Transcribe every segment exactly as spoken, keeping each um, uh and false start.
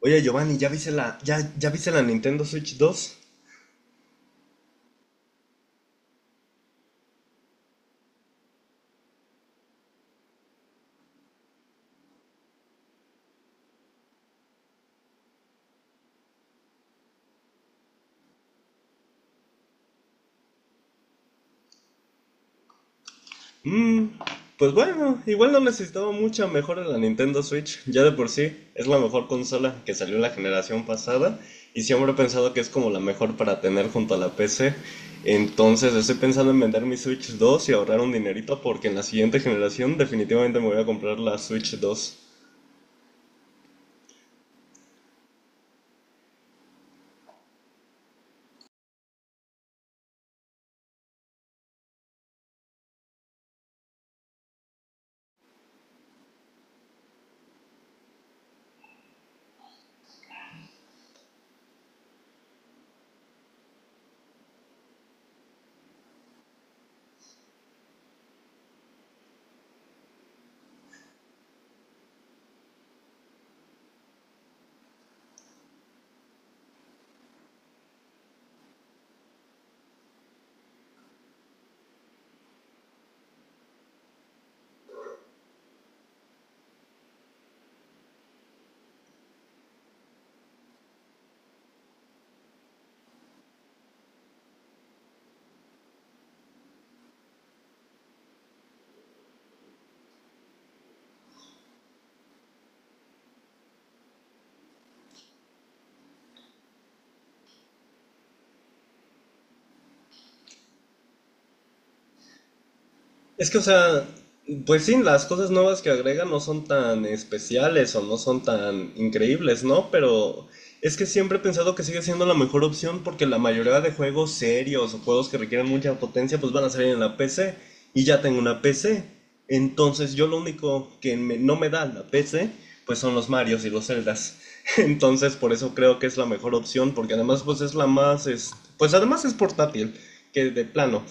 Oye, Giovanni, ¿ya viste la, ya, ya viste la Nintendo Switch dos? Mm, pues bueno, igual no necesitaba mucha mejora la Nintendo Switch. Ya de por sí es la mejor consola que salió en la generación pasada. Y siempre he pensado que es como la mejor para tener junto a la P C. Entonces estoy pensando en vender mi Switch dos y ahorrar un dinerito porque en la siguiente generación definitivamente me voy a comprar la Switch dos. Es que, o sea, pues sí, las cosas nuevas que agregan no son tan especiales o no son tan increíbles, ¿no? Pero es que siempre he pensado que sigue siendo la mejor opción porque la mayoría de juegos serios o juegos que requieren mucha potencia pues van a salir en la P C y ya tengo una P C. Entonces yo lo único que me- no me da la P C pues son los Marios y los Zeldas. Entonces por eso creo que es la mejor opción porque además pues es la más, es- pues además es portátil, que de plano.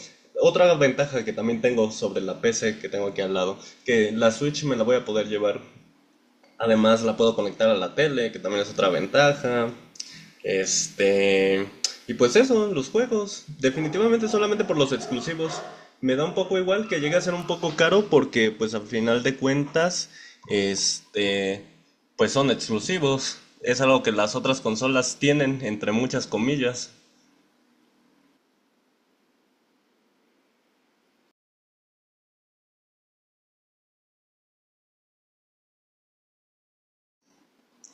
Otra ventaja que también tengo sobre la P C que tengo aquí al lado, que la Switch me la voy a poder llevar. Además la puedo conectar a la tele, que también es otra ventaja. Este... Y pues eso, los juegos. Definitivamente solamente por los exclusivos. Me da un poco igual que llegue a ser un poco caro porque pues al final de cuentas, este... pues son exclusivos. Es algo que las otras consolas tienen, entre muchas comillas.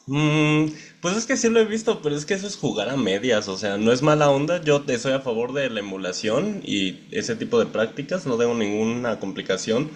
Mm, pues es que sí lo he visto, pero es que eso es jugar a medias, o sea, no es mala onda, yo te soy a favor de la emulación y ese tipo de prácticas, no tengo ninguna complicación,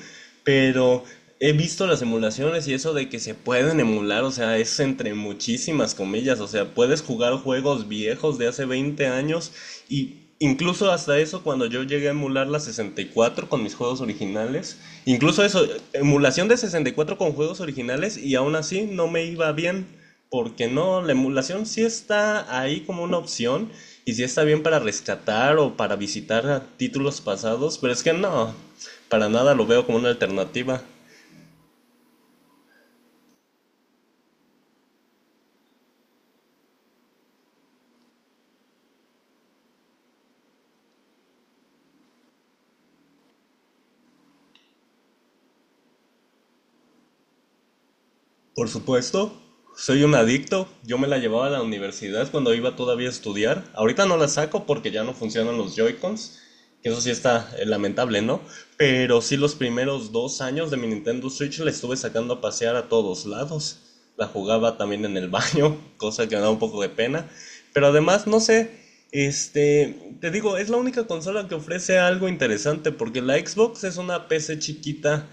pero he visto las emulaciones y eso de que se pueden emular, o sea, es entre muchísimas comillas, o sea, puedes jugar juegos viejos de hace veinte años, y incluso hasta eso, cuando yo llegué a emular la sesenta y cuatro con mis juegos originales, incluso eso, emulación de sesenta y cuatro con juegos originales, y aún así no me iba bien, porque no, la emulación sí está ahí como una opción y sí está bien para rescatar o para visitar a títulos pasados, pero es que no, para nada lo veo como una alternativa. Por supuesto, soy un adicto. Yo me la llevaba a la universidad cuando iba todavía a estudiar. Ahorita no la saco porque ya no funcionan los Joy-Cons. Que eso sí está eh, lamentable, ¿no? Pero sí los primeros dos años de mi Nintendo Switch la estuve sacando a pasear a todos lados. La jugaba también en el baño, cosa que me da un poco de pena. Pero además, no sé, este, te digo, es la única consola que ofrece algo interesante porque la Xbox es una P C chiquita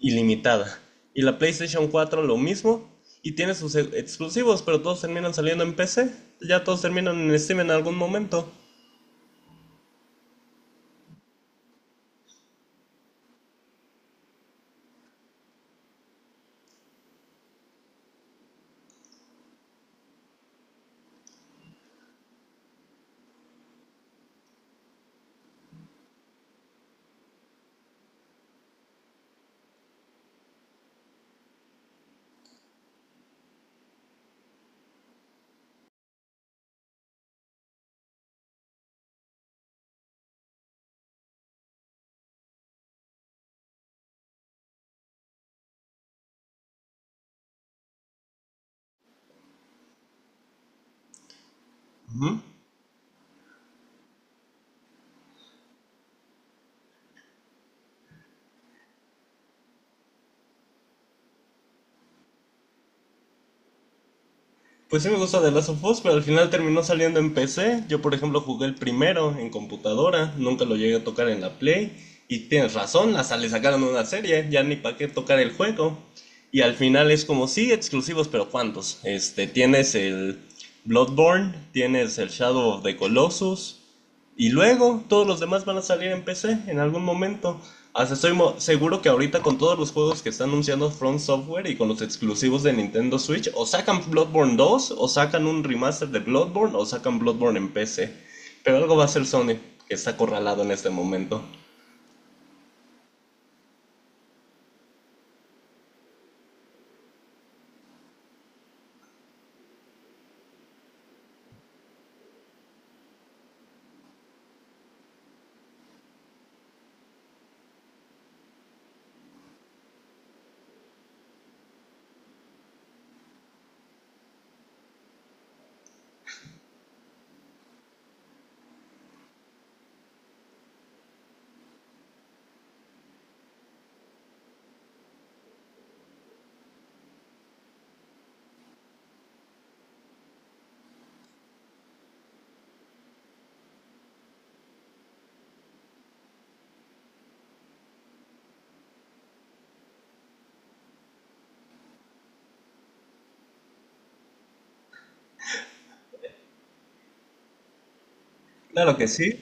ilimitada. Y la PlayStation cuatro lo mismo. Y tiene sus e- exclusivos, pero todos terminan saliendo en P C. Ya todos terminan en Steam en algún momento. Ujú. Pues sí me gusta The Last of Us, pero al final terminó saliendo en P C. Yo, por ejemplo, jugué el primero en computadora. Nunca lo llegué a tocar en la Play. Y tienes razón, hasta le sacaron una serie. Ya ni para qué tocar el juego. Y al final es como, sí, exclusivos, pero ¿cuántos? Este, tienes el Bloodborne, tienes el Shadow of the Colossus, y luego todos los demás van a salir en P C en algún momento. Hasta estoy seguro que ahorita, con todos los juegos que está anunciando From Software y con los exclusivos de Nintendo Switch, o sacan Bloodborne dos, o sacan un remaster de Bloodborne, o sacan Bloodborne en P C. Pero algo va a hacer Sony, que está acorralado en este momento. Claro que sí.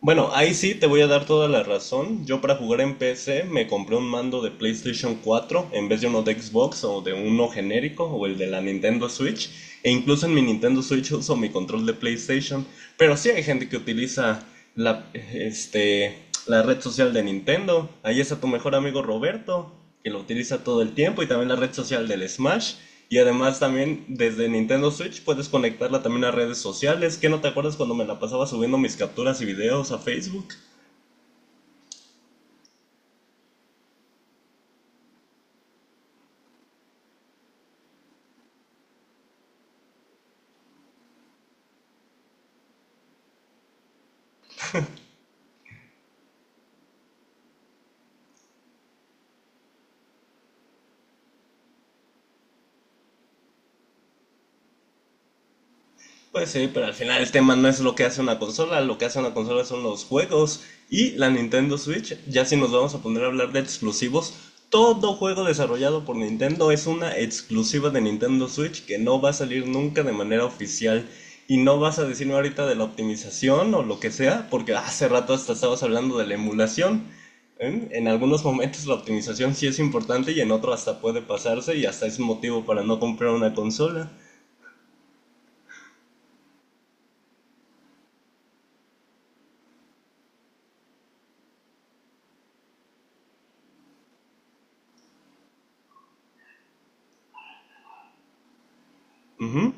Bueno, ahí sí te voy a dar toda la razón. Yo para jugar en P C me compré un mando de PlayStation cuatro en vez de uno de Xbox o de uno genérico o el de la Nintendo Switch. E incluso en mi Nintendo Switch uso mi control de PlayStation. Pero sí hay gente que utiliza la, este, la red social de Nintendo. Ahí es a tu mejor amigo Roberto, que lo utiliza todo el tiempo, y también la red social del Smash. Y además, también desde Nintendo Switch puedes conectarla también a redes sociales. ¿Qué no te acuerdas cuando me la pasaba subiendo mis capturas y videos a Facebook? Pues sí, pero al final el tema no es lo que hace una consola, lo que hace una consola son los juegos y la Nintendo Switch. Ya si nos vamos a poner a hablar de exclusivos, todo juego desarrollado por Nintendo es una exclusiva de Nintendo Switch que no va a salir nunca de manera oficial. Y no vas a decirme ahorita de la optimización o lo que sea, porque hace rato hasta estabas hablando de la emulación. ¿Eh? En algunos momentos la optimización sí es importante y en otros hasta puede pasarse y hasta es motivo para no comprar una consola. Ujú.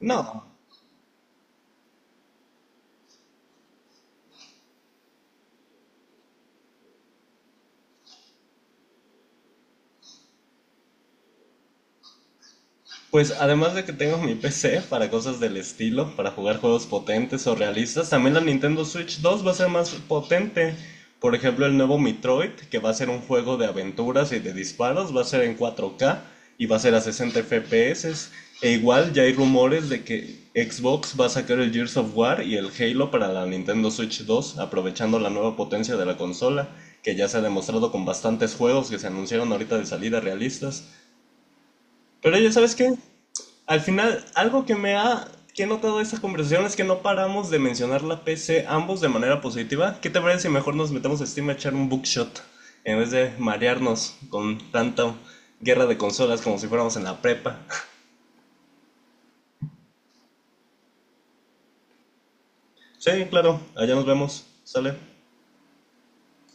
No. Pues además de que tengo mi P C para cosas del estilo, para jugar juegos potentes o realistas, también la Nintendo Switch dos va a ser más potente. Por ejemplo, el nuevo Metroid, que va a ser un juego de aventuras y de disparos, va a ser en cuatro K y va a ser a sesenta F P S. E igual ya hay rumores de que Xbox va a sacar el Gears of War y el Halo para la Nintendo Switch dos, aprovechando la nueva potencia de la consola, que ya se ha demostrado con bastantes juegos que se anunciaron ahorita de salida realistas. Pero ya sabes qué, al final, algo que me ha que he notado de esta conversación es que no paramos de mencionar la P C ambos de manera positiva. ¿Qué te parece si mejor nos metemos a Steam a echar un bookshot en vez de marearnos con tanta guerra de consolas como si fuéramos en la prepa? Sí, claro, allá nos vemos. Sale.